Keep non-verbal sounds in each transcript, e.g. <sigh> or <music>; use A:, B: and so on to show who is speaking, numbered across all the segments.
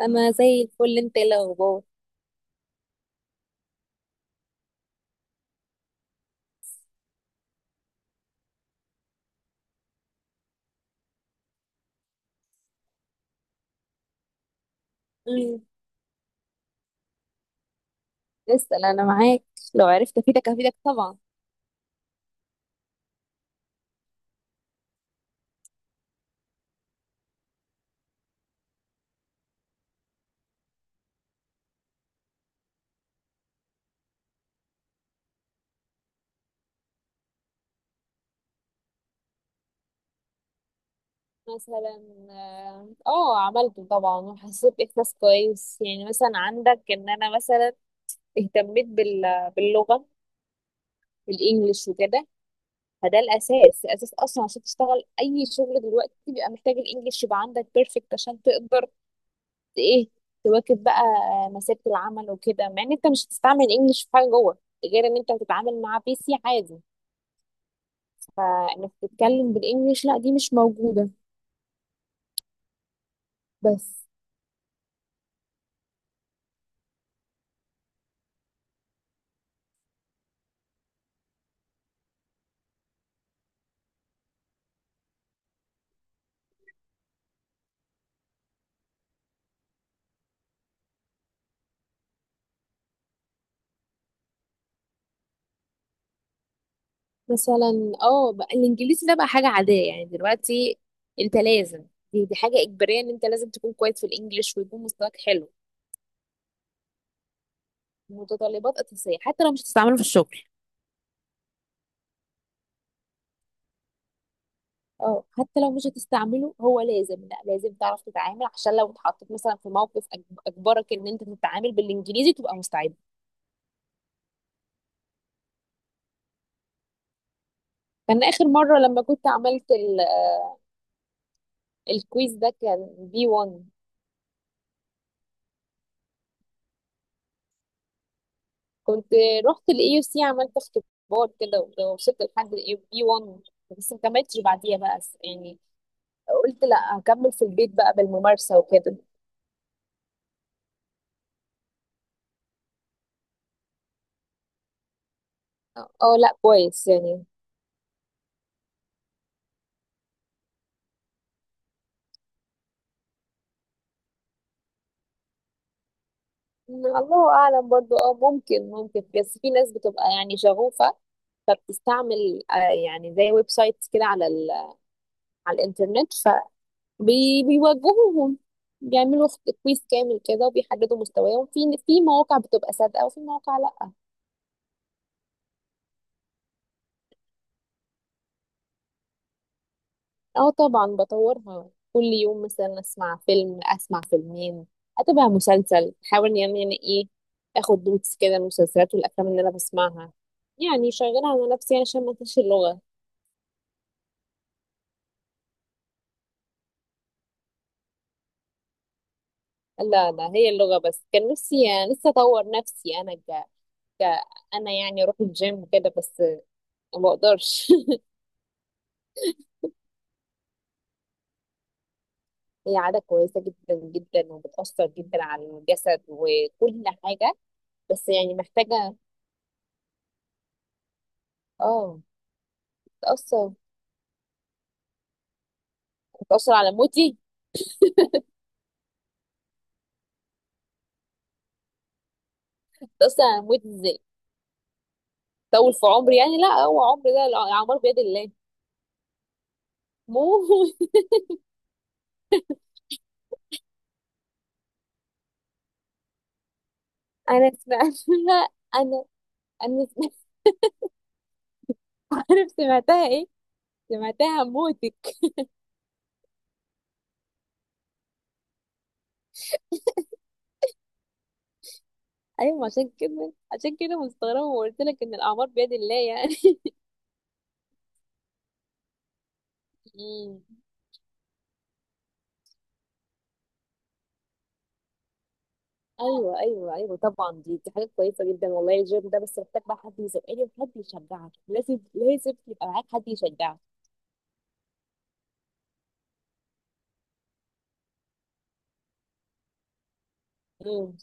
A: انا زي الفل. انت إيه الاخبار؟ امم. اسال، انا معاك. لو عرفت افيدك افيدك طبعا. مثلا عملته طبعا وحسيت باحساس كويس. يعني مثلا عندك ان انا مثلا اهتميت باللغه، بالانجلش وكده. فده الاساس اصلا، عشان تشتغل اي شغل دلوقتي بيبقى محتاج الانجلش، يبقى عندك بيرفكت عشان تقدر ت- ايه تواكب بقى مسيره العمل وكده. مع ان انت مش هتستعمل الانجلش في حاجه جوه، غير ان انت هتتعامل مع بي سي عادي. فانك تتكلم بالانجليش لا، دي مش موجوده. بس مثلا اه، بقى الانجليزي ده بقى حاجه عاديه يعني دلوقتي. انت لازم، دي حاجه اجباريه ان انت لازم تكون كويس في الانجليش ويكون مستواك حلو. متطلبات اساسيه، حتى لو مش هتستعمله في الشغل. اه، حتى لو مش هتستعمله هو لازم، لا لازم تعرف تتعامل عشان لو اتحطيت مثلا في موقف اجبرك ان انت تتعامل بالانجليزي تبقى مستعد. كان اخر مره لما كنت عملت الكويز ده كان بي 1. كنت رحت الاي يو سي، عملت اختبار كده ووصلت لحد الاي بي 1. بس ما كملتش بعديها بقى، يعني قلت لا، هكمل في البيت بقى بالممارسة وكده. اه لا كويس يعني. الله اعلم برضو. اه، ممكن ممكن، بس في ناس بتبقى يعني شغوفة، فبتستعمل يعني زي ويب سايت كده على الانترنت فبيوجهوهم. بيعملوا كويس كامل كده وبيحددوا مستواهم في مواقع بتبقى صادقة وفي مواقع لا. اه طبعا بطورها كل يوم، مثلا اسمع فيلم، اسمع فيلمين، اتابع مسلسل، احاول يعني ايه، اخد نوتس كده من المسلسلات والافلام اللي انا بسمعها. يعني شغاله على نفسي عشان ما انساش اللغه. لا، هي اللغه بس. كان نفسي لسه اطور نفسي انا ك... انا يعني اروح الجيم كده بس ما بقدرش. <laughs> هي عاده كويسه جدا جدا وبتاثر جدا على الجسد وكل حاجه. بس يعني محتاجه. اه، تأثر، تأثر على مودي. ده اصلا انا هموت ازاي طول في عمري؟ يعني لا، هو عمري ده الاعمار بيد الله. موت. <laughs> انا سمعتها. انا انا سمعت. <laughs> عارف سمعتها ايه؟ سمعتها موتك. ايوه، عشان كده عشان كده مستغربه وقلت لك ان الاعمار بيد الله يعني. <laughs> مم. ايوه ايوه ايوه طبعا، دي حاجه كويسه جدا والله. الجيم ده بس محتاج بقى حد يزقني وحد يشجعك. لازم لازم يبقى معاك حد يشجعك. امم.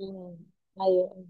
A: امم. ايوه.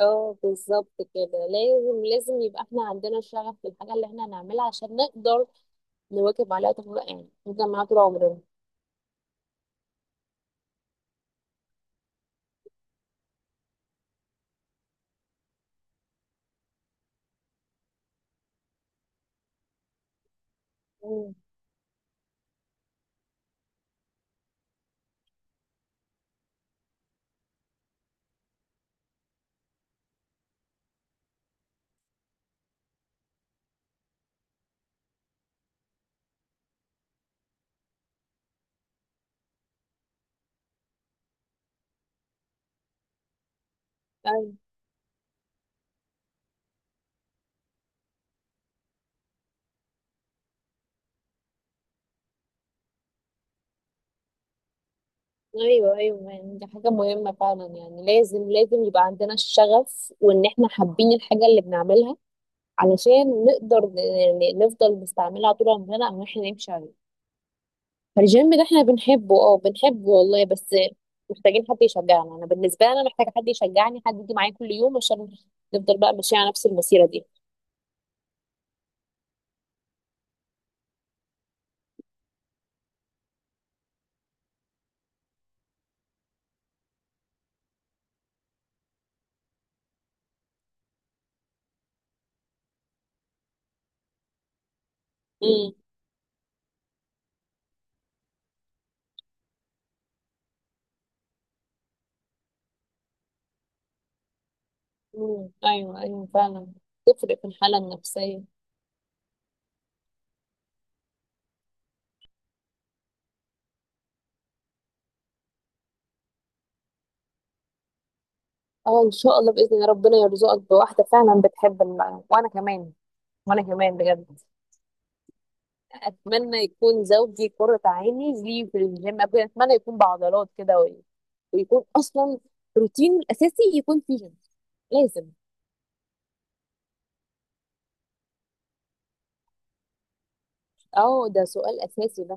A: اه بالظبط كده. لازم لازم يبقى احنا عندنا شغف في الحاجة اللي احنا هنعملها عشان نقدر نواكب عليها طول، يعني نفضل معاها طول عمرنا. مم. أيوة، أيوة، أيوة، يعني دي حاجة مهمة فعلا. يعني لازم لازم يبقى عندنا الشغف وإن إحنا حابين الحاجة اللي بنعملها علشان نقدر يعني نفضل نستعملها طول عمرنا أو إحنا نمشي عليه. فالجيم ده إحنا بنحبه، أه بنحبه والله، بس محتاجين حد يشجعنا. أنا بالنسبة لي أنا محتاجة حد يشجعني، حد يجي معايا كل يوم عشان نفضل بقى ماشية على نفس المسيرة دي. امم. امم. ايوه ايوه فعلا. تفرق في الحاله النفسيه. اه ان شاء الله باذن الله ربنا يرزقك بواحده فعلا بتحب المعنى. وانا كمان، بجد اتمنى يكون زوجي قرة عيني ليه في الجيم. اتمنى يكون بعضلات كده ويكون اصلا روتين الاساسي يكون فيه جيم. لازم. اه، ده سؤال اساسي ده.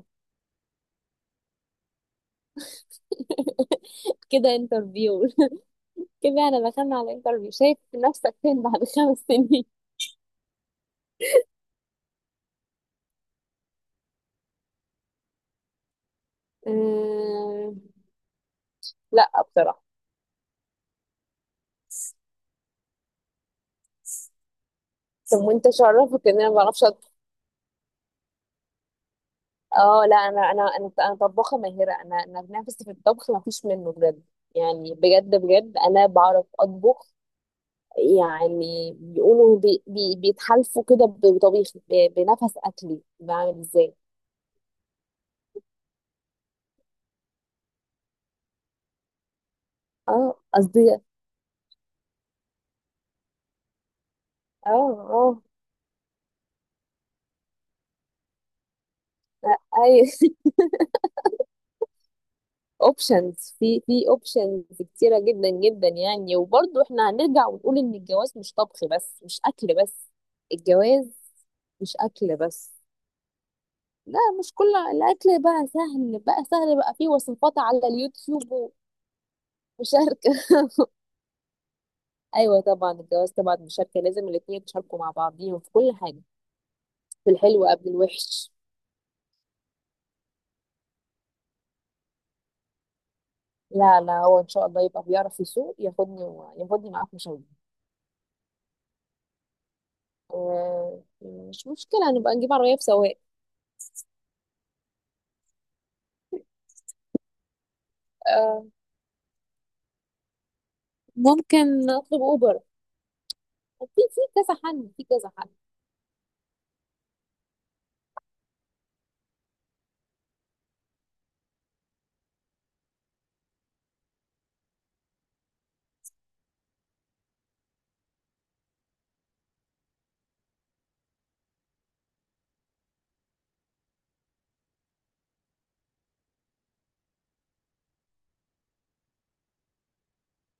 A: <laughs> كده انترفيو. <laughs> كده انا دخلنا على الانترفيو. شايف نفسك فين بعد 5 سنين؟ <laughs> آه، لا بصراحه. طب وانت شرفك ان انا ما بعرفش اطبخ؟ اه لا، انا طباخه ماهره. انا نفسي في الطبخ ما فيش منه بجد. يعني بجد بجد انا بعرف اطبخ. يعني بيقولوا بي بي بيتحالفوا كده بطبيخي بنفس اكلي بعمل ازاي. اه قصدي. اه اه آه، اي. <laughs> اوبشنز، في اوبشنز كتيره جدا جدا يعني. وبرضه احنا هنرجع ونقول ان الجواز مش طبخ بس، مش اكل بس. الجواز مش اكل بس. لا، مش كل الاكل. بقى سهل، بقى سهل بقى، فيه وصفات على اليوتيوب. ومشاركه. <laughs> ايوه طبعا، الجواز طبعا مشاركه. لازم الاتنين يتشاركوا مع بعضيهم في كل حاجه. في الحلو قبل الوحش. لا، لا، هو ان شاء الله يبقى بيعرف يسوق، ياخدني ياخدني معاه في مشاوير. آه، مش مشكله، نبقى نجيب عربيه بسواق. آه، ممكن اطلب اوبر. في في كذا حل، في كذا حل.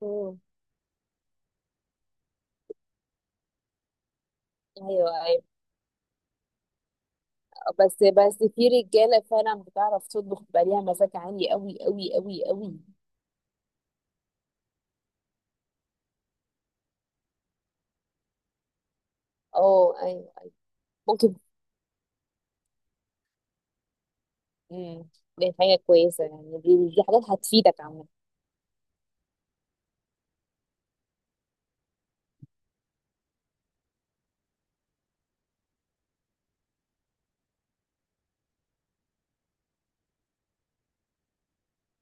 A: مم. ايوه ايوه، بس في رجاله فعلا بتعرف تطبخ بقى ليها مزاج عالي قوي قوي قوي قوي. اه ايوه. أيوة. ممكن. مم. دي حاجه كويسه يعني، دي حاجات هتفيدك عامه.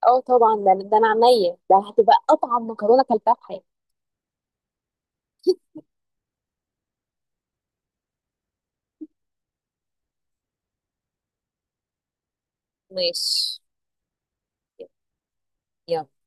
A: اه طبعا، ده انا عينيا ده هتبقى اطعم مكرونه كلتها في حياتي. ماشي. يلا.